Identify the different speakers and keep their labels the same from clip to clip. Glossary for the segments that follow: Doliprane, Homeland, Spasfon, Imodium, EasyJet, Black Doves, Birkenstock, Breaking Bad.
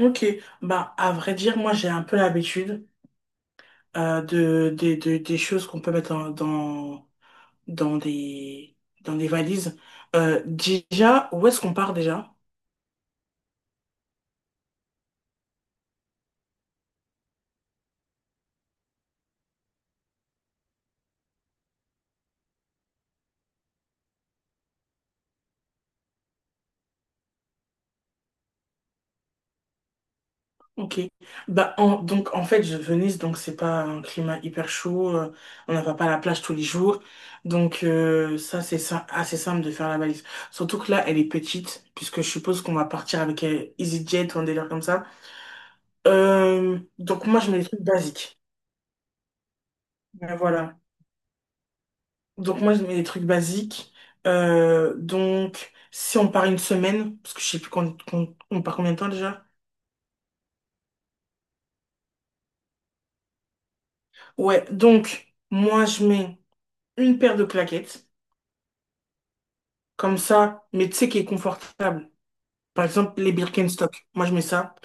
Speaker 1: Ok, bah à vrai dire, moi j'ai un peu l'habitude des choses qu'on peut mettre dans des, dans des valises. Déjà, où est-ce qu'on part déjà? Ok. Bah, donc, en fait, Venise, donc, c'est pas un climat hyper chaud. On n'a pas à la plage tous les jours. Donc, ça, c'est ça, assez simple de faire la valise. Surtout que là, elle est petite, puisque je suppose qu'on va partir avec EasyJet ou un délire comme ça. Donc, moi, je mets des trucs basiques. Mais voilà. Donc, moi, je mets des trucs basiques. Donc, si on part une semaine, parce que je sais plus on part combien de temps déjà. Ouais, donc, moi, je mets une paire de claquettes, comme ça, mais tu sais, qui est confortable. Par exemple, les Birkenstock, moi je mets ça.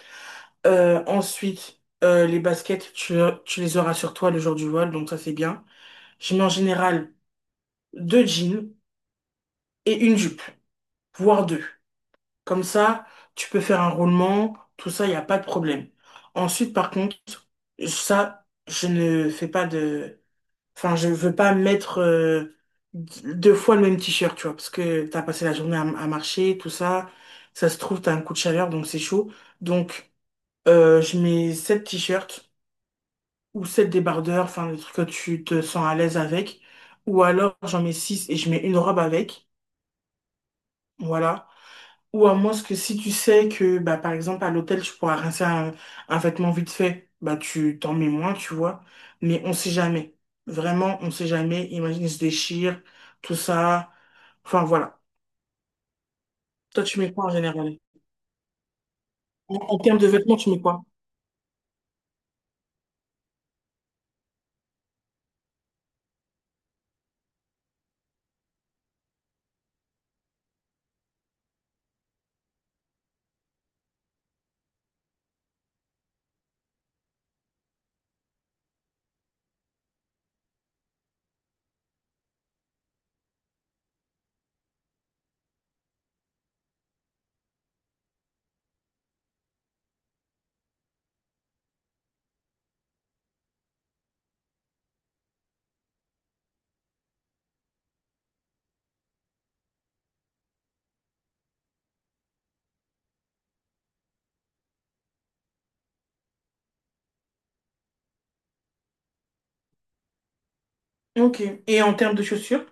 Speaker 1: Ensuite, les baskets, tu les auras sur toi le jour du vol, donc ça c'est bien. Je mets en général deux jeans et une jupe, voire deux. Comme ça, tu peux faire un roulement, tout ça, il n'y a pas de problème. Ensuite, par contre, ça, je ne fais pas de. Enfin, je veux pas mettre deux fois le même t-shirt, tu vois, parce que t'as passé la journée à marcher, tout ça. Ça se trouve, t'as un coup de chaleur, donc c'est chaud. Donc, je mets sept t-shirts ou sept débardeurs, enfin, le truc que tu te sens à l'aise avec. Ou alors, j'en mets six et je mets une robe avec. Voilà. Ou à moins que si tu sais que, bah, par exemple, à l'hôtel, tu pourras rincer un vêtement vite fait, bah, tu t'en mets moins, tu vois. Mais on sait jamais. Vraiment, on sait jamais. Imagine, il se déchire, tout ça. Enfin, voilà. Toi, tu mets quoi en général? En termes de vêtements, tu mets quoi? Ok. Et en termes de chaussures?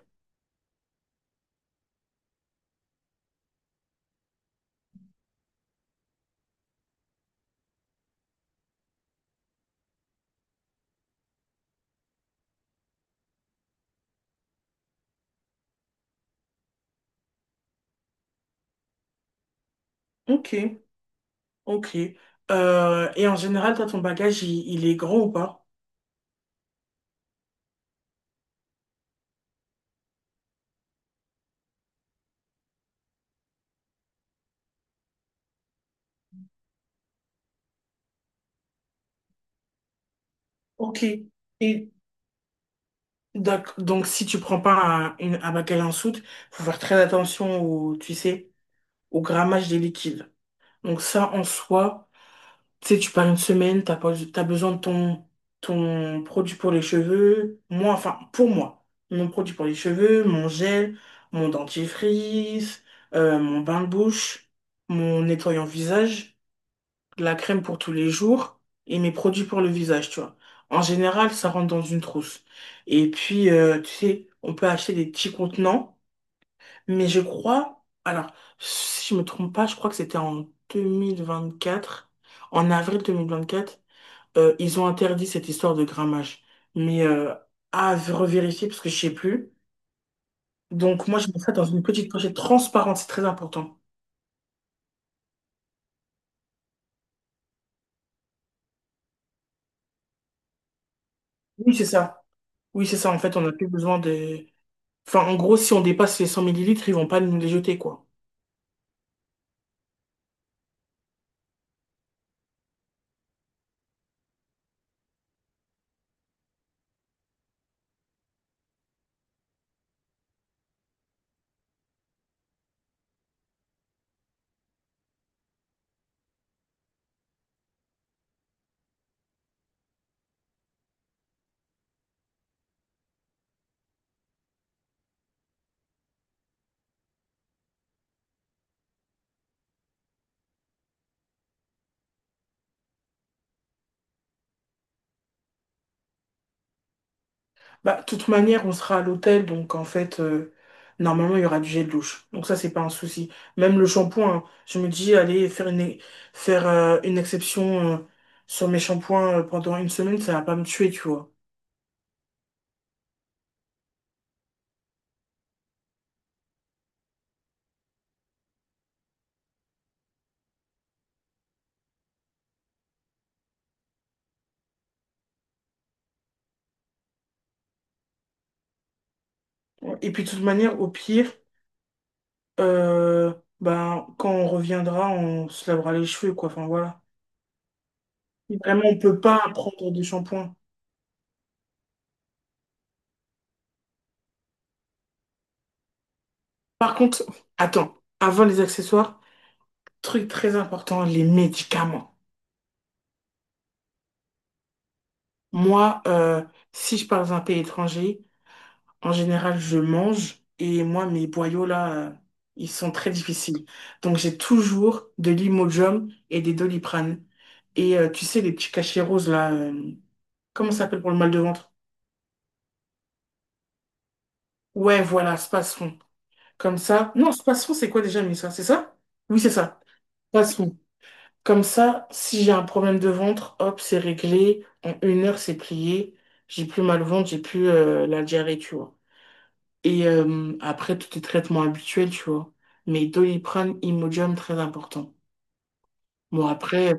Speaker 1: Ok. Ok. Et en général, toi, ton bagage, il est grand ou pas? Ok. Et donc, si tu prends pas un baccalauréat en soude, faut faire très attention au, tu sais, au grammage des liquides. Donc ça, en soi, tu sais, tu pars une semaine, t'as pas, t'as besoin de ton produit pour les cheveux. Moi, enfin, pour moi, mon produit pour les cheveux, mon gel, mon dentifrice, mon bain de bouche, mon nettoyant visage, la crème pour tous les jours et mes produits pour le visage, tu vois. En général, ça rentre dans une trousse. Et puis, tu sais, on peut acheter des petits contenants, mais je crois, alors, si je me trompe pas, je crois que c'était en 2024, en avril 2024, ils ont interdit cette histoire de grammage. Mais à revérifier parce que je sais plus. Donc moi, je mets ça dans une petite pochette transparente, c'est très important. Oui, c'est ça. Oui, c'est ça. En fait, on n'a plus besoin de. Enfin, en gros, si on dépasse les 100 ml, ils vont pas nous les jeter, quoi. Bah, de toute manière, on sera à l'hôtel, donc en fait, normalement, il y aura du gel douche. Donc ça, c'est pas un souci. Même le shampoing, hein, je me dis, allez, faire une exception, sur mes shampoings pendant une semaine, ça va pas me tuer, tu vois. Et puis, de toute manière, au pire, euh, bah, quand on reviendra, on se lavera les cheveux, quoi. Enfin, voilà. Si vraiment, on peut pas prendre de shampoing. Par contre, attends, avant les accessoires, truc très important, les médicaments. Moi, si je pars dans un pays étranger, en général, je mange et moi, mes boyaux là, ils sont très difficiles. Donc, j'ai toujours de l'Imodium et des Doliprane. Et tu sais, les petits cachets roses là, comment ça s'appelle pour le mal de ventre? Ouais, voilà, Spasfon. Comme ça. Non, Spasfon, c'est quoi déjà, mais ça, c'est ça? Oui, c'est ça. Comme ça, si j'ai un problème de ventre, hop, c'est réglé. En une heure, c'est plié. J'ai plus mal au ventre, j'ai plus la diarrhée, tu vois. Et après, tous les traitements habituels, tu vois. Mais Doliprane, Imodium, très important. Bon, après,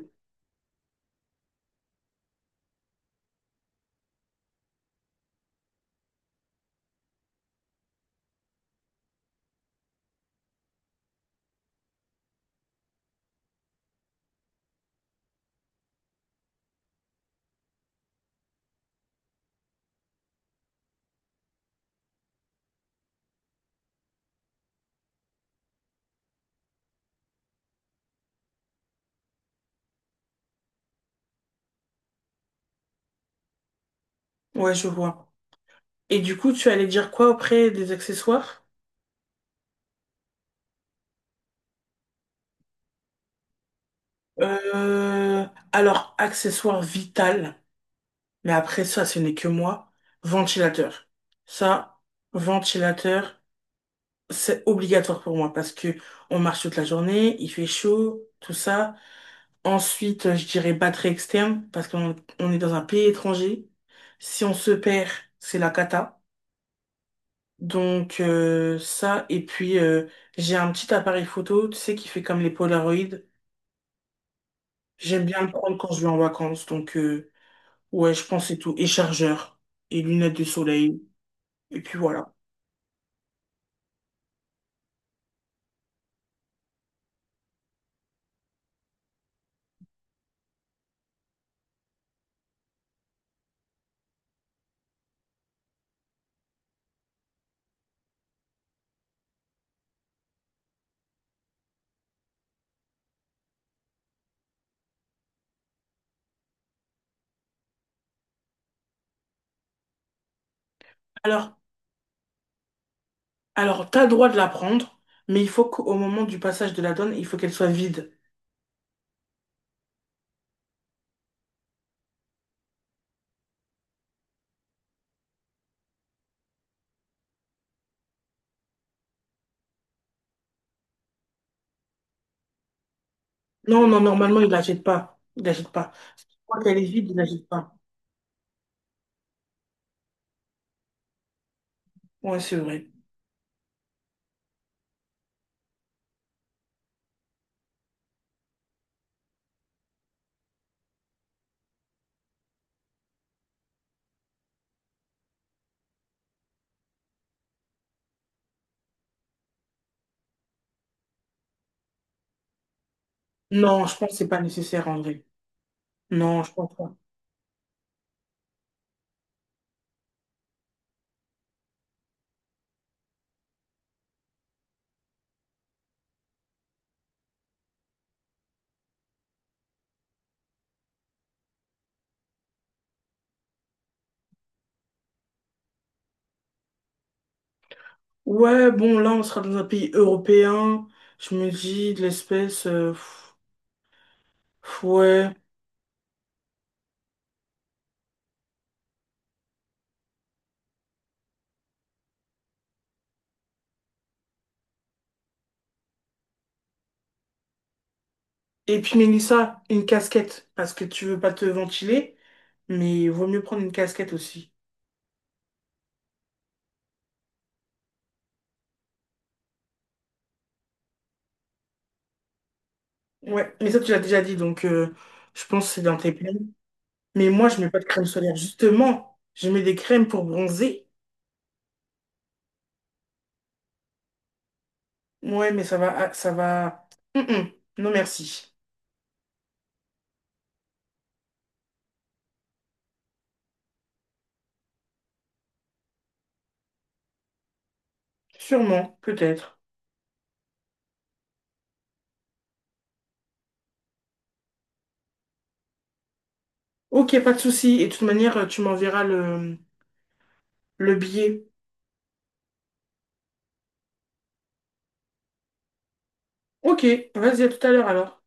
Speaker 1: ouais, je vois. Et du coup, tu allais dire quoi après des accessoires? Euh, alors, accessoire vital, mais après ça, ce n'est que moi. Ventilateur. Ça, ventilateur. C'est obligatoire pour moi parce que on marche toute la journée, il fait chaud, tout ça. Ensuite, je dirais batterie externe parce qu'on on est dans un pays étranger. Si on se perd, c'est la cata. Donc ça, et puis j'ai un petit appareil photo, tu sais, qui fait comme les Polaroids. J'aime bien le prendre quand je vais en vacances. Donc ouais, je pense que c'est tout. Et chargeur, et lunettes de soleil. Et puis voilà. Alors, alors, t'as le droit de la prendre, mais il faut qu'au moment du passage de la donne, il faut qu'elle soit vide. Non, non, normalement, il la pas. Il la pas. Quand elle est vide, il la pas. Ouais, c'est vrai. Non, je pense que c'est pas nécessaire en vrai. Non, je pense pas. Ouais, bon, là, on sera dans un pays européen. Je me dis, de l'espèce, pff, pff, ouais. Et puis, Mélissa, une casquette. Parce que tu veux pas te ventiler. Mais il vaut mieux prendre une casquette aussi. Ouais, mais ça, tu l'as déjà dit. Donc, je pense que c'est dans tes plans. Mais moi, je mets pas de crème solaire. Justement, je mets des crèmes pour bronzer. Ouais, mais ça va, ah, ça va. Hum, hum. Non, merci. Sûrement, peut-être. Ok, pas de souci. Et de toute manière, tu m'enverras le billet. Ok, vas-y, à tout à l'heure alors.